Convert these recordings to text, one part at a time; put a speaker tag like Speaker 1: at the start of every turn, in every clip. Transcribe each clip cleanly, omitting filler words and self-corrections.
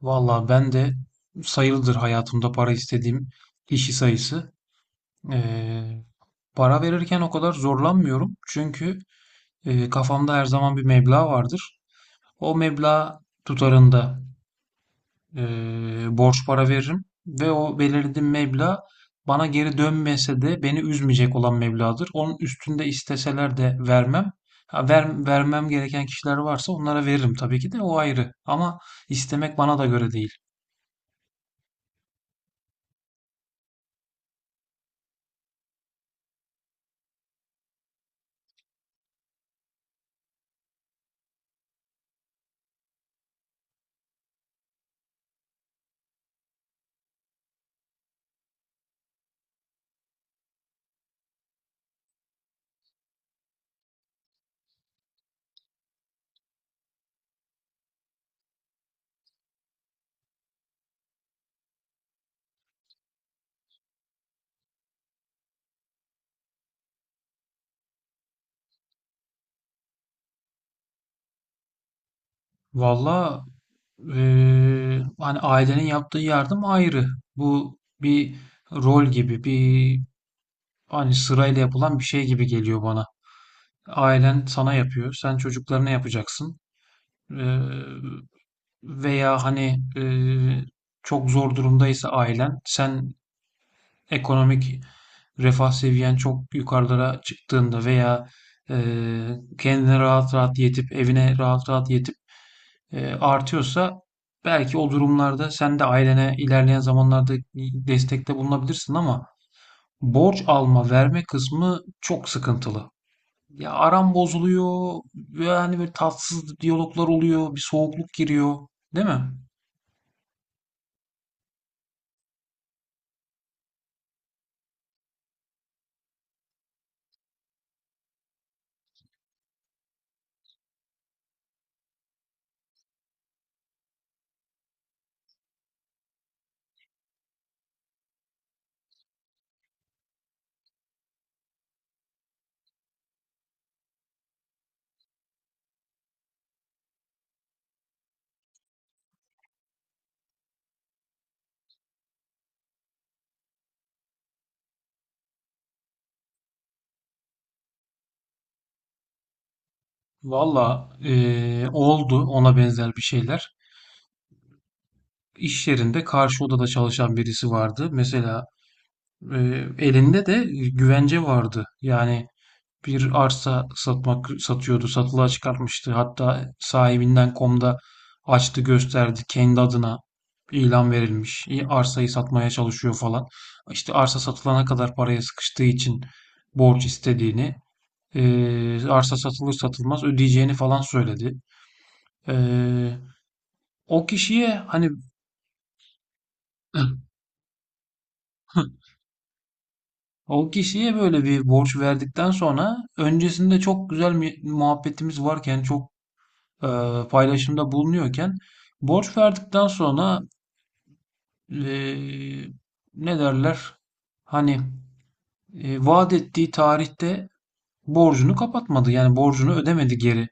Speaker 1: Valla ben de sayılıdır hayatımda para istediğim kişi sayısı. Ee, Para verirken o kadar zorlanmıyorum. Çünkü kafamda her zaman bir meblağ vardır. O meblağ tutarında e, borç para veririm. Ve o belirlediğim meblağ bana geri dönmese de beni üzmeyecek olan meblağdır. Onun üstünde isteseler de vermem. Ha, vermem gereken kişiler varsa onlara veririm, tabii ki de, o ayrı. Ama istemek bana da göre değil. Valla, hani ailenin yaptığı yardım ayrı. Bu bir rol gibi, bir, hani sırayla yapılan bir şey gibi geliyor bana. Ailen sana yapıyor, sen çocuklarına yapacaksın. Eee, Veya hani, çok zor durumdaysa ailen, sen ekonomik refah seviyen çok yukarılara çıktığında veya kendine rahat rahat yetip, evine rahat rahat yetip artıyorsa belki o durumlarda sen de ailene ilerleyen zamanlarda destekte bulunabilirsin. Ama borç alma verme kısmı çok sıkıntılı. Ya aram bozuluyor, yani böyle tatsız diyaloglar oluyor, bir soğukluk giriyor, değil mi? Valla, oldu ona benzer bir şeyler. İş yerinde karşı odada çalışan birisi vardı. Mesela e, elinde de güvence vardı. Yani bir arsa satıyordu. Satılığa çıkartmıştı. Hatta sahibinden komda açtı gösterdi, kendi adına ilan verilmiş. İyi, arsayı satmaya çalışıyor falan. İşte arsa satılana kadar paraya sıkıştığı için borç istediğini, arsa satılır satılmaz ödeyeceğini falan söyledi. Eee, O kişiye hani o kişiye böyle bir borç verdikten sonra, öncesinde çok güzel muhabbetimiz varken, çok e, paylaşımda bulunuyorken, borç verdikten sonra, e, ne derler? Hani vaat ettiği tarihte borcunu kapatmadı. Yani borcunu ödemedi geri.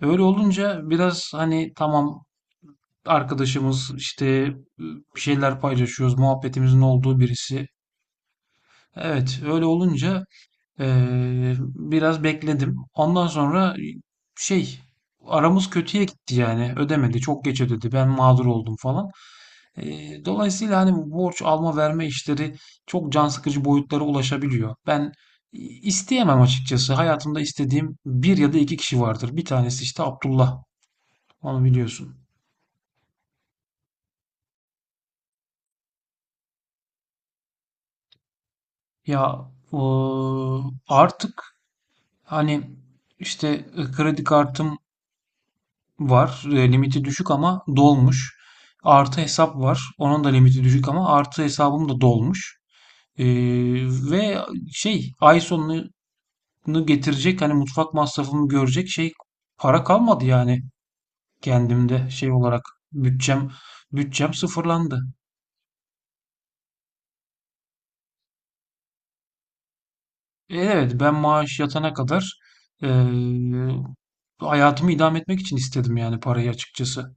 Speaker 1: Öyle olunca biraz, hani tamam, arkadaşımız işte, bir şeyler paylaşıyoruz, muhabbetimizin olduğu birisi. Evet, öyle olunca biraz bekledim. Ondan sonra şey aramız kötüye gitti yani. Ödemedi, çok geç ödedi. Ben mağdur oldum falan. Dolayısıyla hani bu borç alma verme işleri çok can sıkıcı boyutlara ulaşabiliyor. Ben isteyemem açıkçası. Hayatımda istediğim bir ya da iki kişi vardır. Bir tanesi işte Abdullah. Onu biliyorsun. Ya o, artık hani işte kredi kartım var. E, limiti düşük ama dolmuş. Artı hesap var. Onun da limiti düşük, ama artı hesabım da dolmuş. Ee, Ve ay sonunu bunu getirecek, hani mutfak masrafımı görecek para kalmadı yani kendimde olarak bütçem bütçem sıfırlandı. E, evet, ben maaş yatana kadar eee, hayatımı idame etmek için istedim yani parayı açıkçası.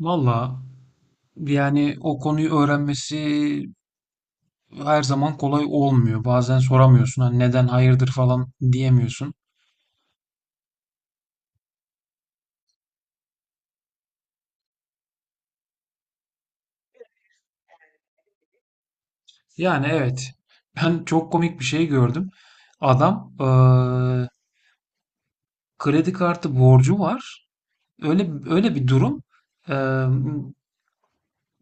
Speaker 1: Valla yani o konuyu öğrenmesi her zaman kolay olmuyor. Bazen soramıyorsun. Hani neden hayırdır falan diyemiyorsun. Yani evet. Ben çok komik bir şey gördüm. Adam kredi kartı borcu var. Öyle öyle bir durum. Eee,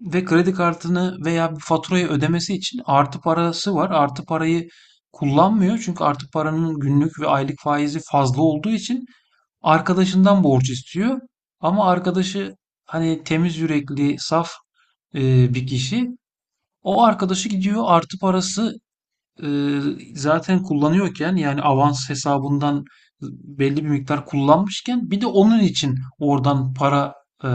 Speaker 1: Ve kredi kartını veya bir faturayı ödemesi için artı parası var. Artı parayı kullanmıyor. Çünkü artı paranın günlük ve aylık faizi fazla olduğu için arkadaşından borç istiyor. Ama arkadaşı hani temiz yürekli, saf bir kişi. O arkadaşı gidiyor, artı parası e, zaten kullanıyorken, yani avans hesabından belli bir miktar kullanmışken, bir de onun için oradan para e,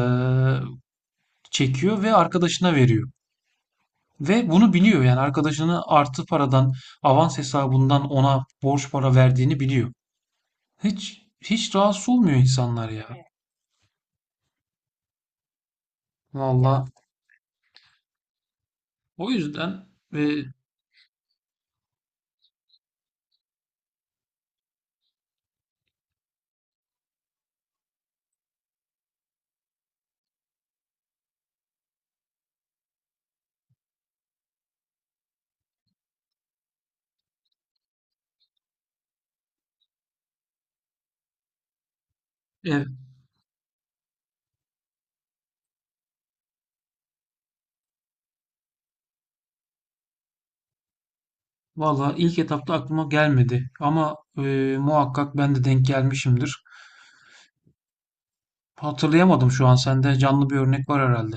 Speaker 1: çekiyor ve arkadaşına veriyor. Ve bunu biliyor, yani arkadaşını artı paradan avans hesabından ona borç para verdiğini biliyor. Hiç rahatsız olmuyor insanlar ya. Evet. Valla, o yüzden, e, e, valla ilk etapta aklıma gelmedi ama muhakkak ben de denk gelmişimdir. Hatırlayamadım şu an, sende canlı bir örnek var herhalde.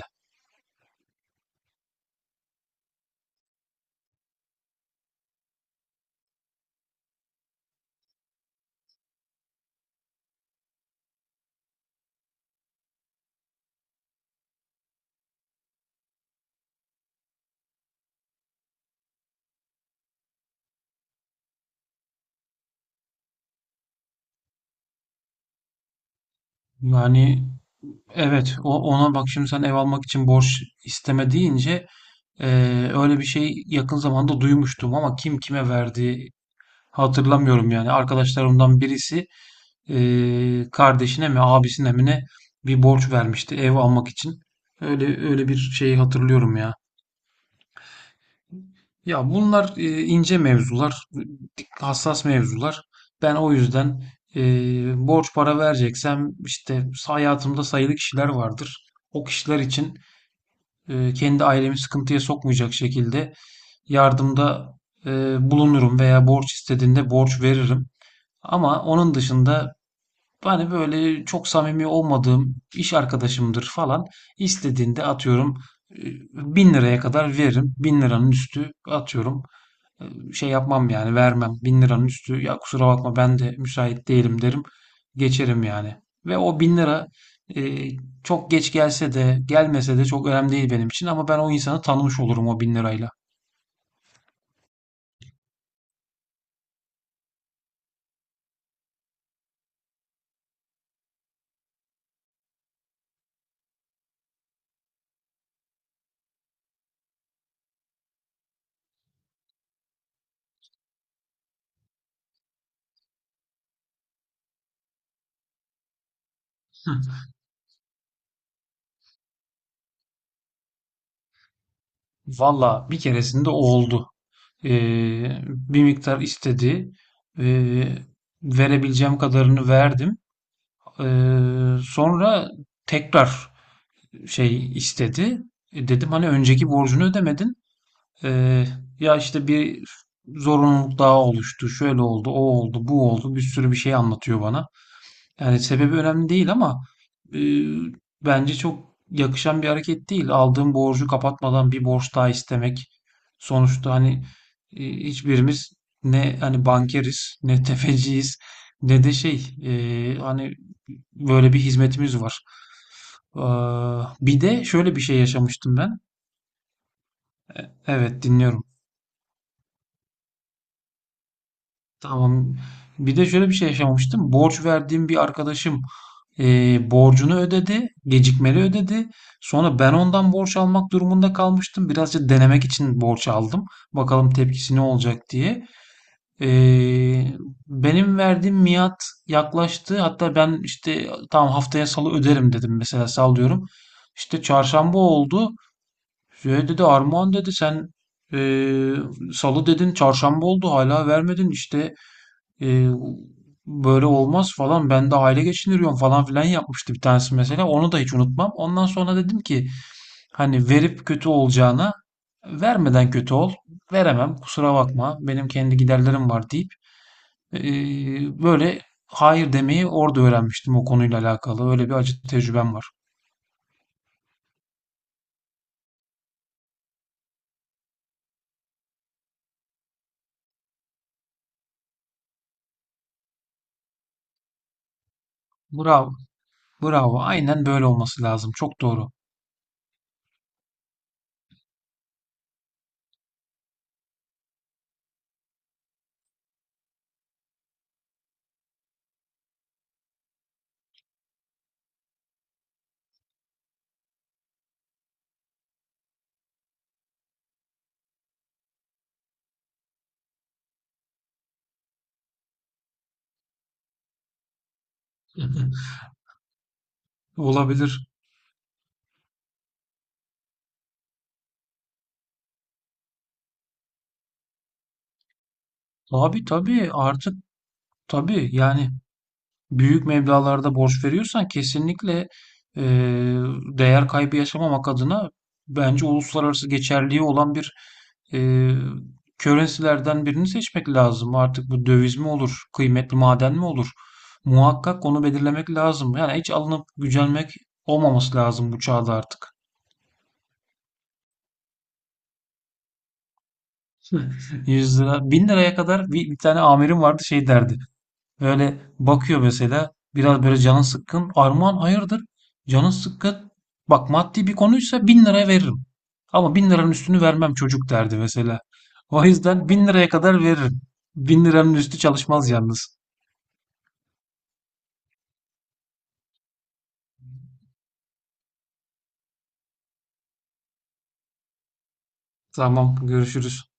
Speaker 1: Yani evet, o, ona bak, şimdi sen ev almak için borç isteme deyince öyle bir şey yakın zamanda duymuştum ama kim kime verdi hatırlamıyorum yani. Arkadaşlarımdan birisi, kardeşine mi abisine mi ne, bir borç vermişti ev almak için. Öyle öyle bir şeyi hatırlıyorum ya. Ya bunlar ince mevzular, hassas mevzular. Ben o yüzden borç para vereceksem işte hayatımda sayılı kişiler vardır. O kişiler için kendi ailemi sıkıntıya sokmayacak şekilde yardımda bulunurum veya borç istediğinde borç veririm. Ama onun dışında, hani böyle çok samimi olmadığım iş arkadaşımdır falan, İstediğinde atıyorum e, 1.000 liraya kadar veririm. 1.000 liranın üstü, atıyorum, şey yapmam yani vermem. 1.000 liranın üstü, ya kusura bakma ben de müsait değilim, derim. Geçerim yani. Ve o 1.000 lira e, çok geç gelse de gelmese de çok önemli değil benim için. Ama ben o insanı tanımış olurum o 1.000 lirayla. Valla, bir keresinde o oldu. Bir miktar istedi. Ee, Verebileceğim kadarını verdim. Sonra tekrar istedi. E, dedim, hani önceki borcunu ödemedin. Ee, Ya işte bir zorunluluk daha oluştu, şöyle oldu, o oldu, bu oldu, bir sürü bir şey anlatıyor bana. Yani sebebi önemli değil ama e, bence çok yakışan bir hareket değil. Aldığım borcu kapatmadan bir borç daha istemek. Sonuçta hani hiçbirimiz ne hani bankeriz, ne tefeciyiz, ne de şey, hani böyle bir hizmetimiz var. Ee, Bir de şöyle bir şey yaşamıştım ben. Evet, dinliyorum. Tamam. Bir de şöyle bir şey yaşamıştım. Borç verdiğim bir arkadaşım borcunu ödedi, gecikmeli ödedi. Sonra ben ondan borç almak durumunda kalmıştım. Birazcık denemek için borç aldım. Bakalım tepkisi ne olacak diye. Eee, Benim verdiğim miat yaklaştı. Hatta ben işte tam haftaya salı öderim dedim, mesela sallıyorum. İşte çarşamba oldu. Şey dedi, Armağan dedi, sen eee, salı dedin, çarşamba oldu, hala vermedin işte. Ee, Böyle olmaz falan, ben de aile geçindiriyorum falan filan yapmıştı bir tanesi, mesela onu da hiç unutmam. Ondan sonra dedim ki, hani verip kötü olacağına vermeden kötü ol, veremem kusura bakma benim kendi giderlerim var deyip, böyle hayır demeyi orada öğrenmiştim. O konuyla alakalı öyle bir acı tecrübem var. Bravo, bravo, aynen, böyle olması lazım, çok doğru. Olabilir. Abi tabii, artık tabii yani büyük meblağlarda borç veriyorsan kesinlikle eee, değer kaybı yaşamamak adına, bence uluslararası geçerliği olan bir eee currency'lerden birini seçmek lazım. Artık bu döviz mi olur, kıymetli maden mi olur? Muhakkak onu belirlemek lazım. Yani hiç alınıp gücenmek olmaması lazım bu çağda artık. 100 lira, 1.000 liraya kadar, bir tane amirim vardı, şey derdi. Böyle bakıyor mesela, biraz böyle canın sıkkın. Armağan, hayırdır? Canın sıkkın. Bak, maddi bir konuysa 1.000 lira veririm. Ama bin liranın üstünü vermem çocuk, derdi mesela. O yüzden 1.000 liraya kadar veririm. Bin liranın üstü çalışmaz yalnız. Tamam, görüşürüz.